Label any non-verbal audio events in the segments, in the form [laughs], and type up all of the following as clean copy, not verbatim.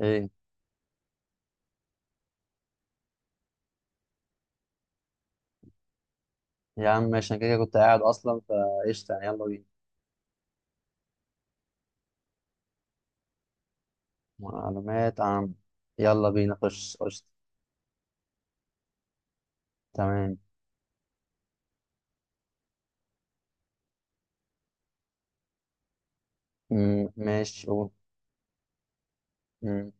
ايه، يا عم ماشي. انا كده كده كنت قاعد اصلا، فقشطة يعني. يلا بينا. معلومات عامة. يلا بينا، خش قشطة. تمام. مم، ماشي، قول. مم.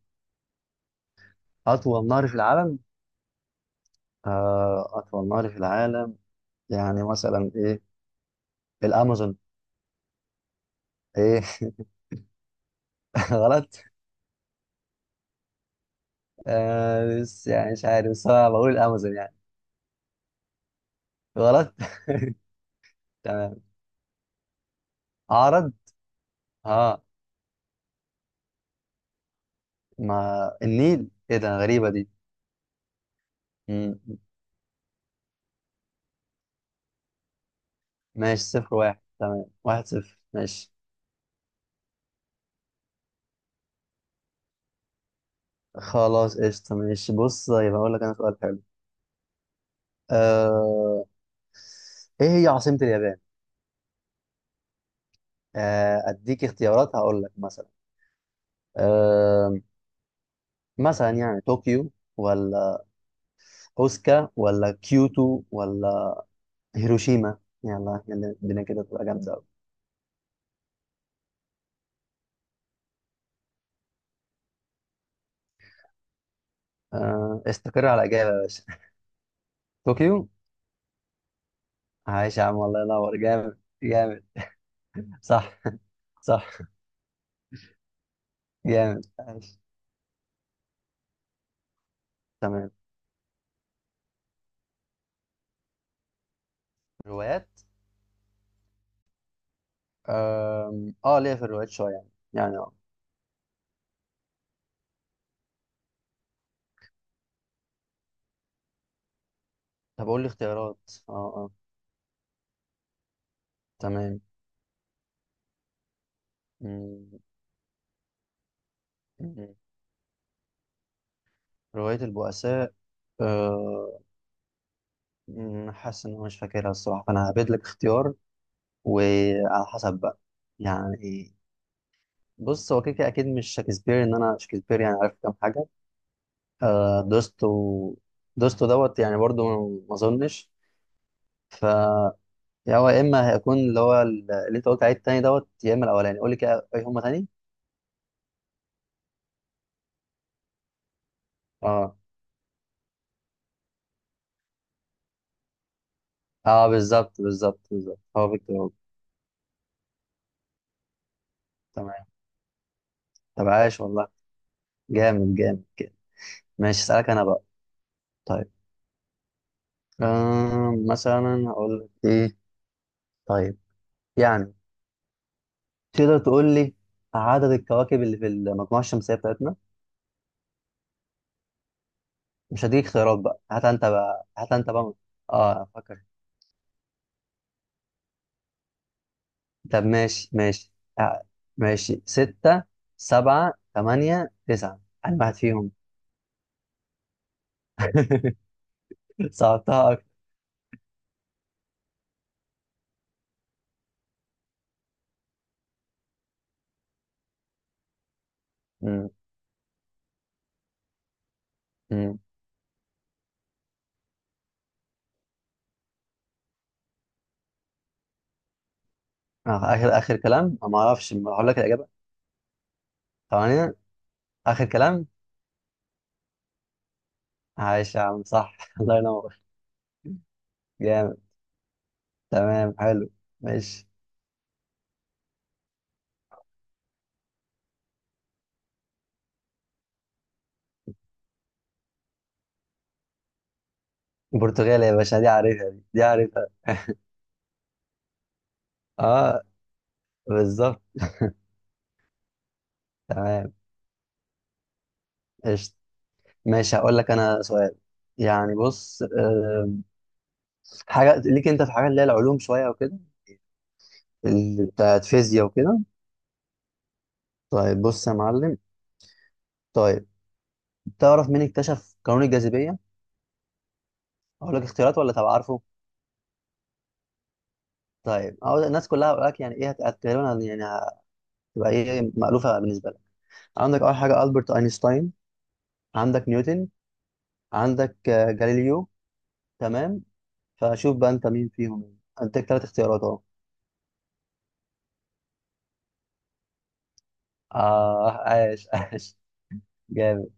اطول نهر في العالم؟ اطول نهر في العالم، يعني مثلا ايه؟ الامازون. ايه؟ [laughs] غلط. بس يعني مش عارف، بس انا بقول الامازون يعني. غلط. [laughs] تمام. عرض. اه، ما النيل، ايه ده؟ غريبة دي. مم. ماشي، صفر واحد، تمام. واحد صفر، ماشي. خلاص قشطة، ماشي. بص، يبقى أقول لك أنا سؤال حلو. آه... إيه هي عاصمة اليابان؟ أديك اختيارات، هقول لك مثلا. آه... مثلا يعني طوكيو، ولا أوسكا، ولا كيوتو، ولا هيروشيما؟ يلا يلا، الدنيا كده تبقى جامدة أوي. استقر على إجابة يا باشا. [laughs] طوكيو. عايش يا عم، الله ينور، جامد جامد. صح. صح، جامد، عايش، تمام. روايات. ليه في الروايات شوية يعني، يعني. طب قول لي اختيارات. اه، اه، تمام. مم، مم. رواية البؤساء. آه، مم، حاسس ان انا مش فاكرها الصراحة، فانا هبيت لك اختيار، وعلى حسب بقى. يعني، بص، هو كده كده اكيد مش شكسبير، ان انا شكسبير يعني عارف كام حاجة. آه، دوستو دوستو دوت يعني برضو. ما اظنش، ف يا هو، يا اما هيكون اللي هو اللي انت قلت عليه التاني دوت، يا اما الاولاني. قول لي كده اي هما تاني. اه، اه، بالظبط بالظبط بالظبط، هو فيكتور هوجو. تمام. طب عاش والله. جامد جامد جامد. ماشي، اسألك انا بقى. طيب. مثلا هقول لك ايه. طيب، يعني، تقدر تقول لي عدد الكواكب اللي في المجموعة الشمسية بتاعتنا؟ مش هديك خيارات بقى، هات انت بقى، هات انت بقى. اه، فكر. طب ماشي، ماشي. آه، ماشي، ستة، سبعة، تمانية، تسعة. أنا واحد فيهم. [laughs] صعبتها أكتر. مم، مم. آخر آخر كلام، ما أعرفش. ما هقول لك الإجابة. ثمانية، آخر كلام. عايش يا عم، صح. [laughs] الله ينور، جامد. تمام، حلو. ماشي. البرتغال يا باشا، دي عارفها، دي عارفها. اه، بالظبط. تمام، قشطة، ماشي. هقول لك انا سؤال، يعني، بص. حاجة ليك انت في حاجة، اللي هي العلوم شوية وكده. بتاعت فيزياء وكده. طيب بص يا معلم. طيب، تعرف مين اكتشف قانون الجاذبية؟ اقول لك اختيارات، ولا تبقى عارفه؟ طيب، أقول الناس كلها، هقول لك يعني ايه، تقريبا يعني هتبقى ايه مألوفة بالنسبة لك. عندك اول حاجة ألبرت أينشتاين، عندك نيوتن، عندك جاليليو. تمام. فشوف بقى انت مين فيهم يعني. اديك ثلاث اختيارات اهو. اه، عاش عاش، جامد.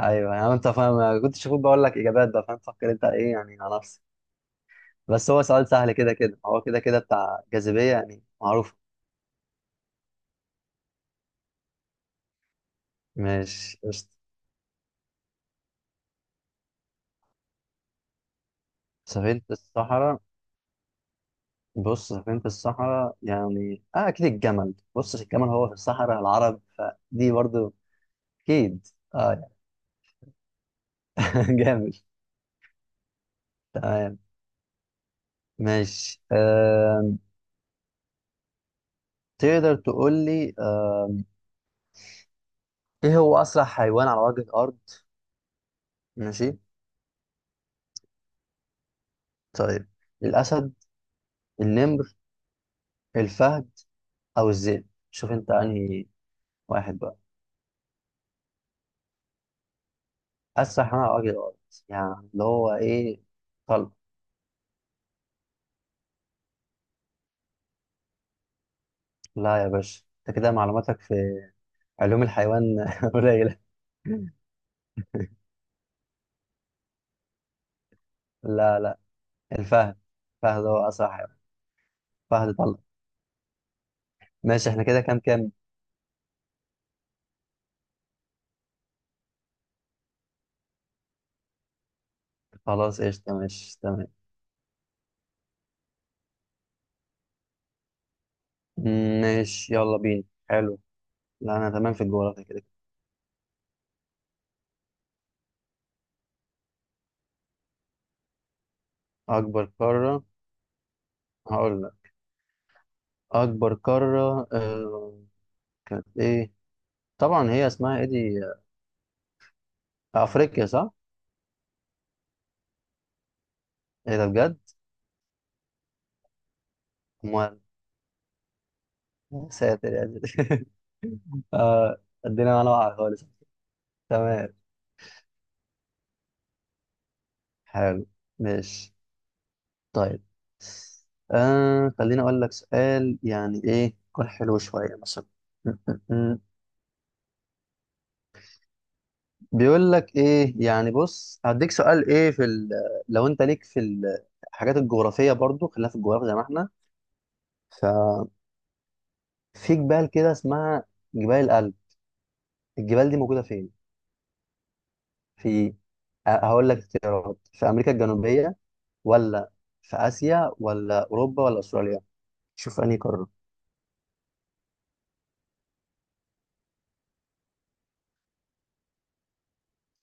ايوه، يعني انت فاهم، أنا كنت شوفوك بقول لك اجابات بقى فاهم. فكر انت ايه يعني على نفسك. بس هو سؤال سهل كده كده، هو كده كده بتاع جاذبيه يعني معروف. مش قشطة. سفينه الصحراء. بص، سفينه الصحراء يعني، اه، اكيد الجمل. بص، الجمل هو في الصحراء العرب، فدي برضو. اكيد، اه. [laughs] جامد. تمام، ماشي. تقدر تقول لي، ايه هو اسرع حيوان على وجه الارض؟ ماشي. طيب، الاسد، النمر، الفهد، او الذئب. شوف انت انهي واحد بقى. اسرع حيوان على وجه الارض، يعني اللي هو ايه، طلق. لا يا باشا، انت كده معلوماتك في علوم الحيوان [laughs] قليله. لا لا، الفهد. الفهد هو اسرع حيوان. فهد طلق. ماشي، احنا كده كام كام. خلاص قشطه، ماشي، تمام. مم، ماشي، يلا بينا. حلو. لا، انا تمام في الجغرافيا كده. اكبر قاره. هقول لك، أكبر قارة كانت ايه؟ طبعا هي اسمها ايه دي، افريقيا صح؟ ايه ده بجد؟ امال. [laughs] يا ساتر يا ساتر. [laughs] الدنيا معانا واقعة خالص. تمام، حلو، ماشي. طيب، خليني اقول لك سؤال، يعني ايه يكون حلو شوية مثلا. [laughs] بيقول لك ايه يعني. بص، هديك سؤال، ايه في لو انت ليك في الحاجات الجغرافية برضو، خلينا في الجغرافيا زي ما احنا. ففي جبال كده اسمها جبال الألب. الجبال دي موجودة فين؟ في هقول لك اختيارات. في امريكا الجنوبيه، ولا في اسيا، ولا اوروبا، ولا استراليا؟ شوف انهي قاره.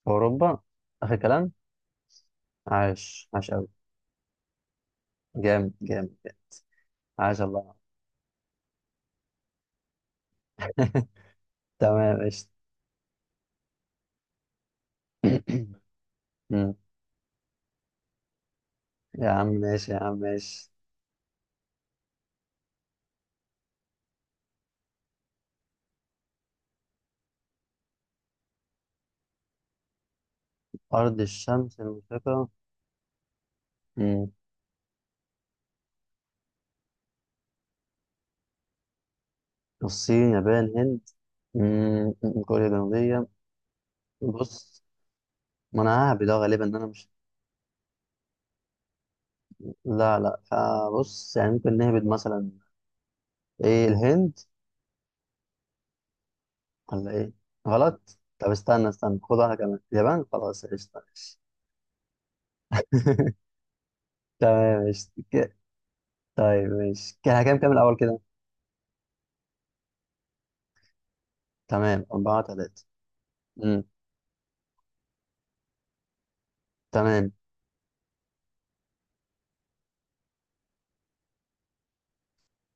في اوروبا، اخر كلام. عاش عاش قوي. جامد جامد جامد. عاش الله. [laughs] تمام، ماشي. [clears throat] مم. يا عم ماشي، يا عم ماشي. ارض الشمس المشرقه. مم. الصين، يابان، هند. مم. كوريا الجنوبيه. بص، ما انا ههبد أهو، غالبا ان انا مش. لا لا، فبص يعني، ممكن نهبد مثلا ايه الهند، ولا ايه؟ غلط. طب استنى استنى، خد واحده كمان، اليابان. خلاص قشطه، ماشي. [laughs] تمام، ماشي، طيب، ماشي، كده كام كام الاول كده؟ تمام، أربعة تلاتة. امم تمام.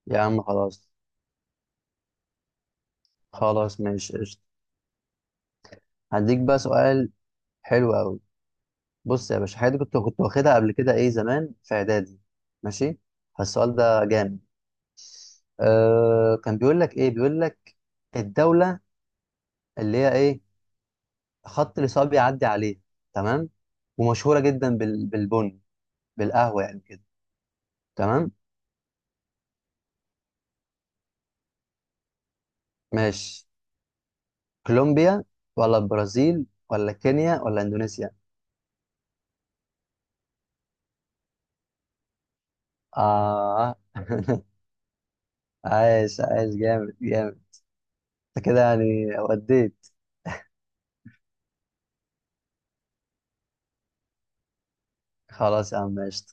يا عم خلاص. خلاص، ماشي، قشطة. هديك بقى سؤال حلو قوي. بص يا باشا، حاجة دي كنت واخدها قبل كده، ايه، زمان في اعدادي. ماشي. فالسؤال ده جامد. كان بيقول لك ايه، بيقول لك الدولة اللي هي ايه، خط الإصابة بيعدي عليه، تمام، ومشهورة جدا بالبن، بالقهوة يعني كده. تمام، ماشي. كولومبيا، ولا البرازيل، ولا كينيا، ولا اندونيسيا؟ اه. [laughs] عايش عايش، جامد جامد. انت كده يعني وديت. خلاص يا عم، ماشي.